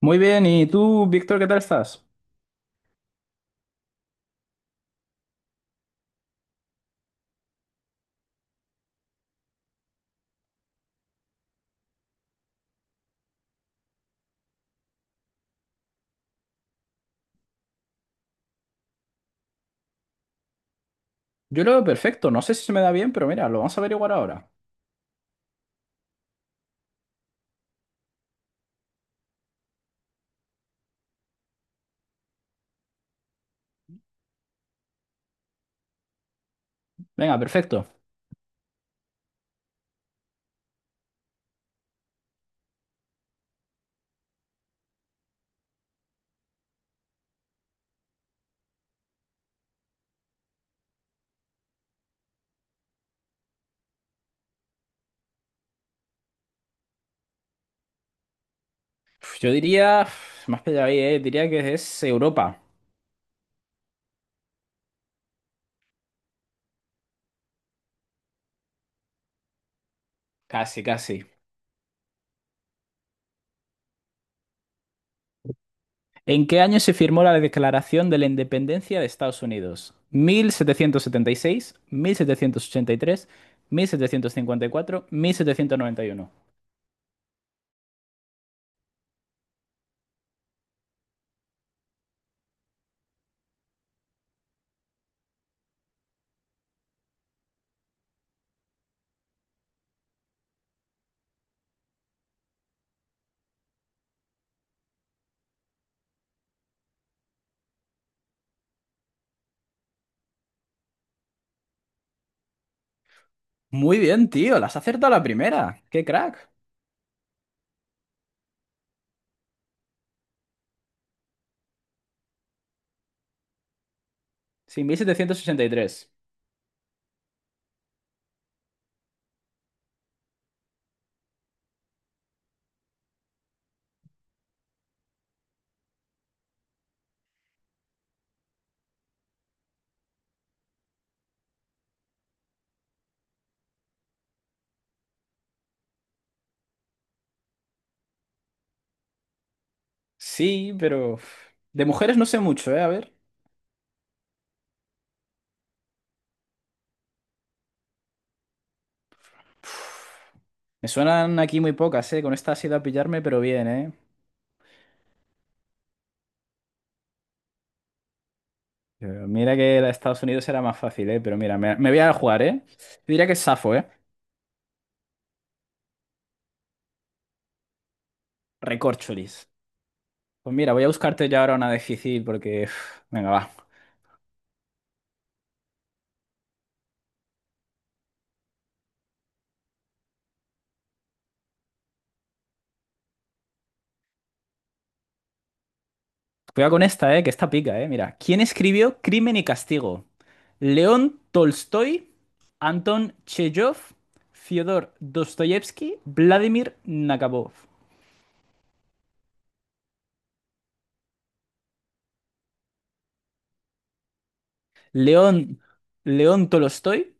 Muy bien, ¿y tú, Víctor, qué tal estás? Yo lo veo perfecto, no sé si se me da bien, pero mira, lo vamos a averiguar ahora. Venga, perfecto. Yo diría, más pillado ahí, diría que es Europa. Casi, casi. ¿En qué año se firmó la Declaración de la Independencia de Estados Unidos? Mil setecientos setenta y seis, 1783, 1754, 1791. Muy bien, tío, las has acertado a la primera. ¡Qué crack! Sí, 1783. Sí, pero, de mujeres no sé mucho, ¿eh? A ver. Me suenan aquí muy pocas, ¿eh? Con esta ha sido a pillarme, pero bien, ¿eh? Pero mira que la de Estados Unidos era más fácil, ¿eh? Pero mira, me voy a jugar, ¿eh? Yo diría que es Safo, ¿eh? Recorcholis. Pues mira, voy a buscarte ya ahora una difícil porque, venga, va. Cuidado con esta, ¿eh? Que esta pica, ¿eh? Mira. ¿Quién escribió Crimen y Castigo? ¿León Tolstoy? ¿Anton Chejov? ¿Fyodor Dostoyevsky? ¿Vladimir Nabokov? León, León Tolstói,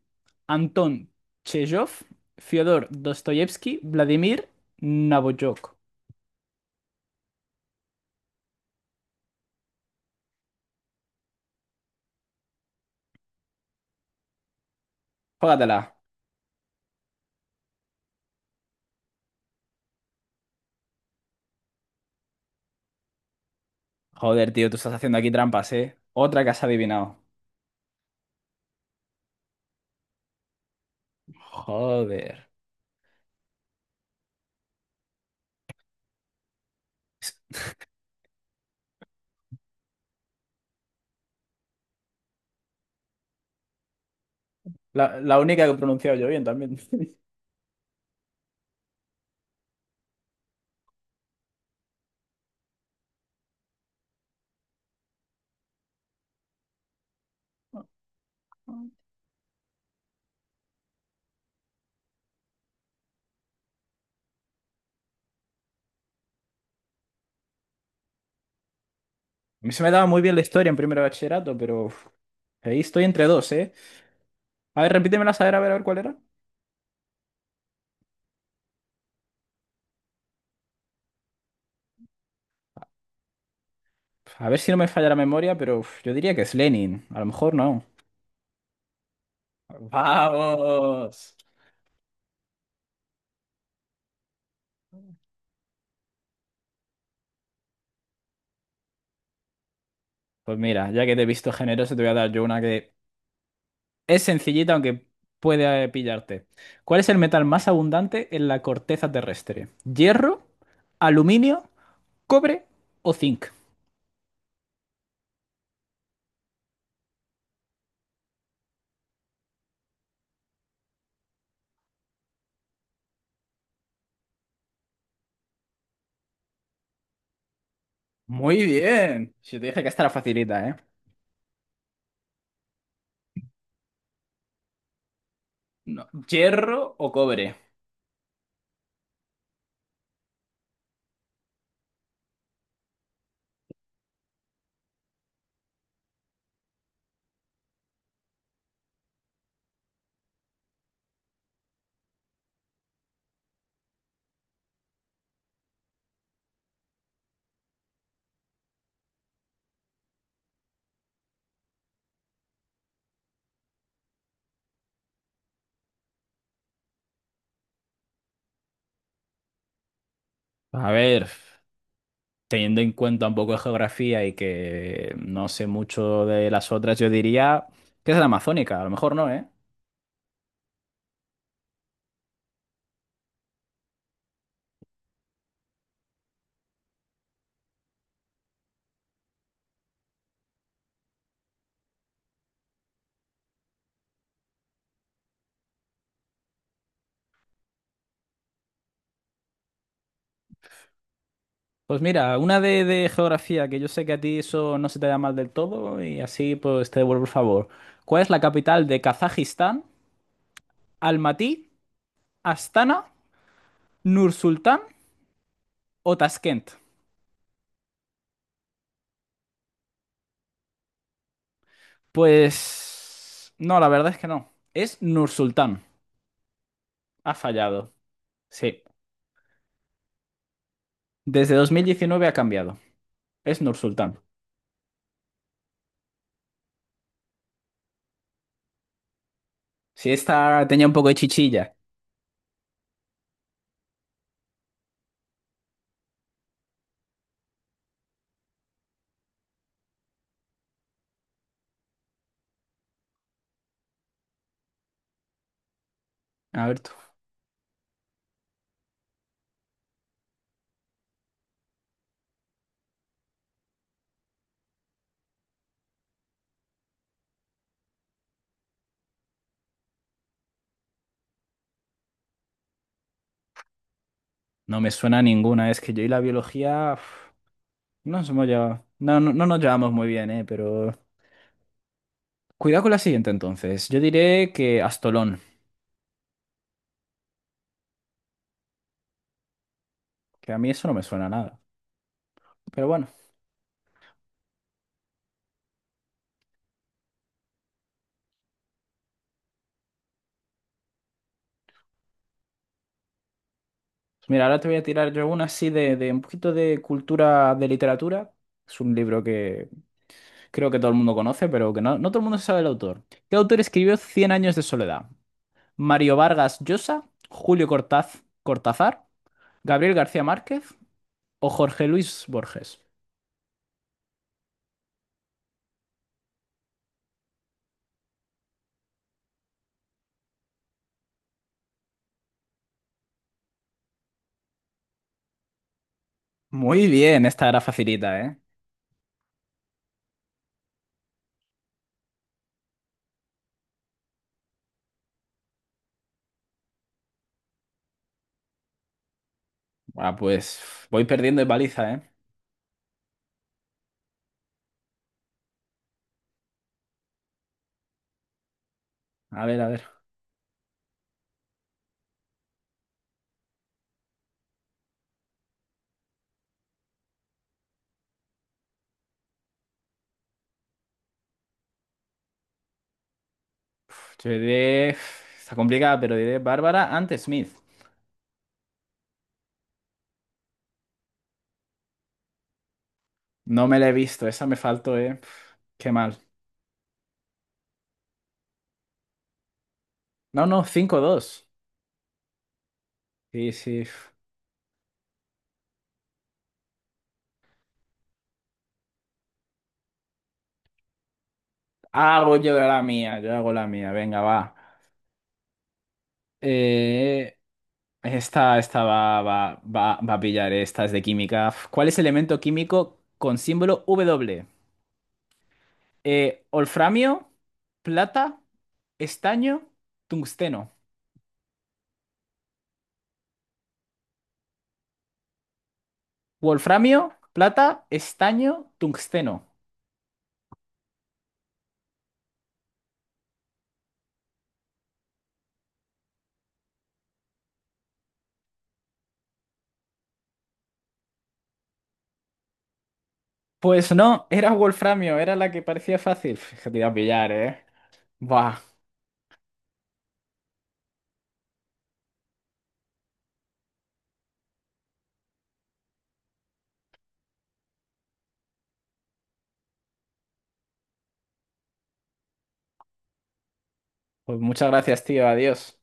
Anton Chejov, Fyodor Dostoyevsky, Vladimir Nabokov. Jógatela. Joder, tío, tú estás haciendo aquí trampas, ¿eh? Otra que has adivinado. Joder. La única que he pronunciado yo bien también. A mí se me daba muy bien la historia en primero de bachillerato, pero ahí estoy entre dos, ¿eh? A ver, repítemela, a ver, a ver, a ver cuál era. A ver si no me falla la memoria, pero yo diría que es Lenin. A lo mejor no. ¡Vamos! Pues mira, ya que te he visto generoso, te voy a dar yo una que es sencillita, aunque puede pillarte. ¿Cuál es el metal más abundante en la corteza terrestre? ¿Hierro, aluminio, cobre o zinc? Muy bien. Si te dije que esta era facilita, ¿eh? No, ¿hierro o cobre? A ver, teniendo en cuenta un poco de geografía y que no sé mucho de las otras, yo diría que es la amazónica, a lo mejor no, ¿eh? Pues mira, una de geografía, que yo sé que a ti eso no se te da mal del todo, y así pues te devuelvo el favor. ¿Cuál es la capital de Kazajistán? ¿Almatí, Astana, Nursultán o Taskent? Pues no, la verdad es que no. Es Nursultán. Ha fallado. Sí. Desde 2019 ha cambiado. Es Nursultán. Si esta tenía un poco de chichilla. A ver tú. No me suena a ninguna. Es que yo y la biología, no, no, no nos llevamos muy bien, ¿eh? Pero cuidado con la siguiente entonces. Yo diré que Astolón, que a mí eso no me suena a nada. Pero bueno, mira, ahora te voy a tirar yo una así de un poquito de cultura de literatura. Es un libro que creo que todo el mundo conoce, pero que no, no todo el mundo sabe el autor. ¿Qué autor escribió Cien años de soledad? ¿Mario Vargas Llosa, Julio Cortaz, Cortázar, Gabriel García Márquez o Jorge Luis Borges? Muy bien, esta era facilita, ¿eh? Ah, pues voy perdiendo de paliza, ¿eh? A ver, a ver. Yo diré. Está complicada, pero diré Bárbara antes Smith. No me la he visto, esa me faltó, eh. Pf, qué mal. No, no, 5-2. Sí, sí. Pf. Hago yo la mía, yo hago la mía. Venga, va. Eh, esta va a pillar, esta es de química. Pf, ¿cuál es el elemento químico con símbolo W? ¿Olframio, plata, estaño, tungsteno? Wolframio, plata, estaño, tungsteno. Pues no, era Wolframio, era la que parecía fácil. Fíjate, te iba a pillar, ¿eh? Buah, pues muchas gracias, tío, adiós.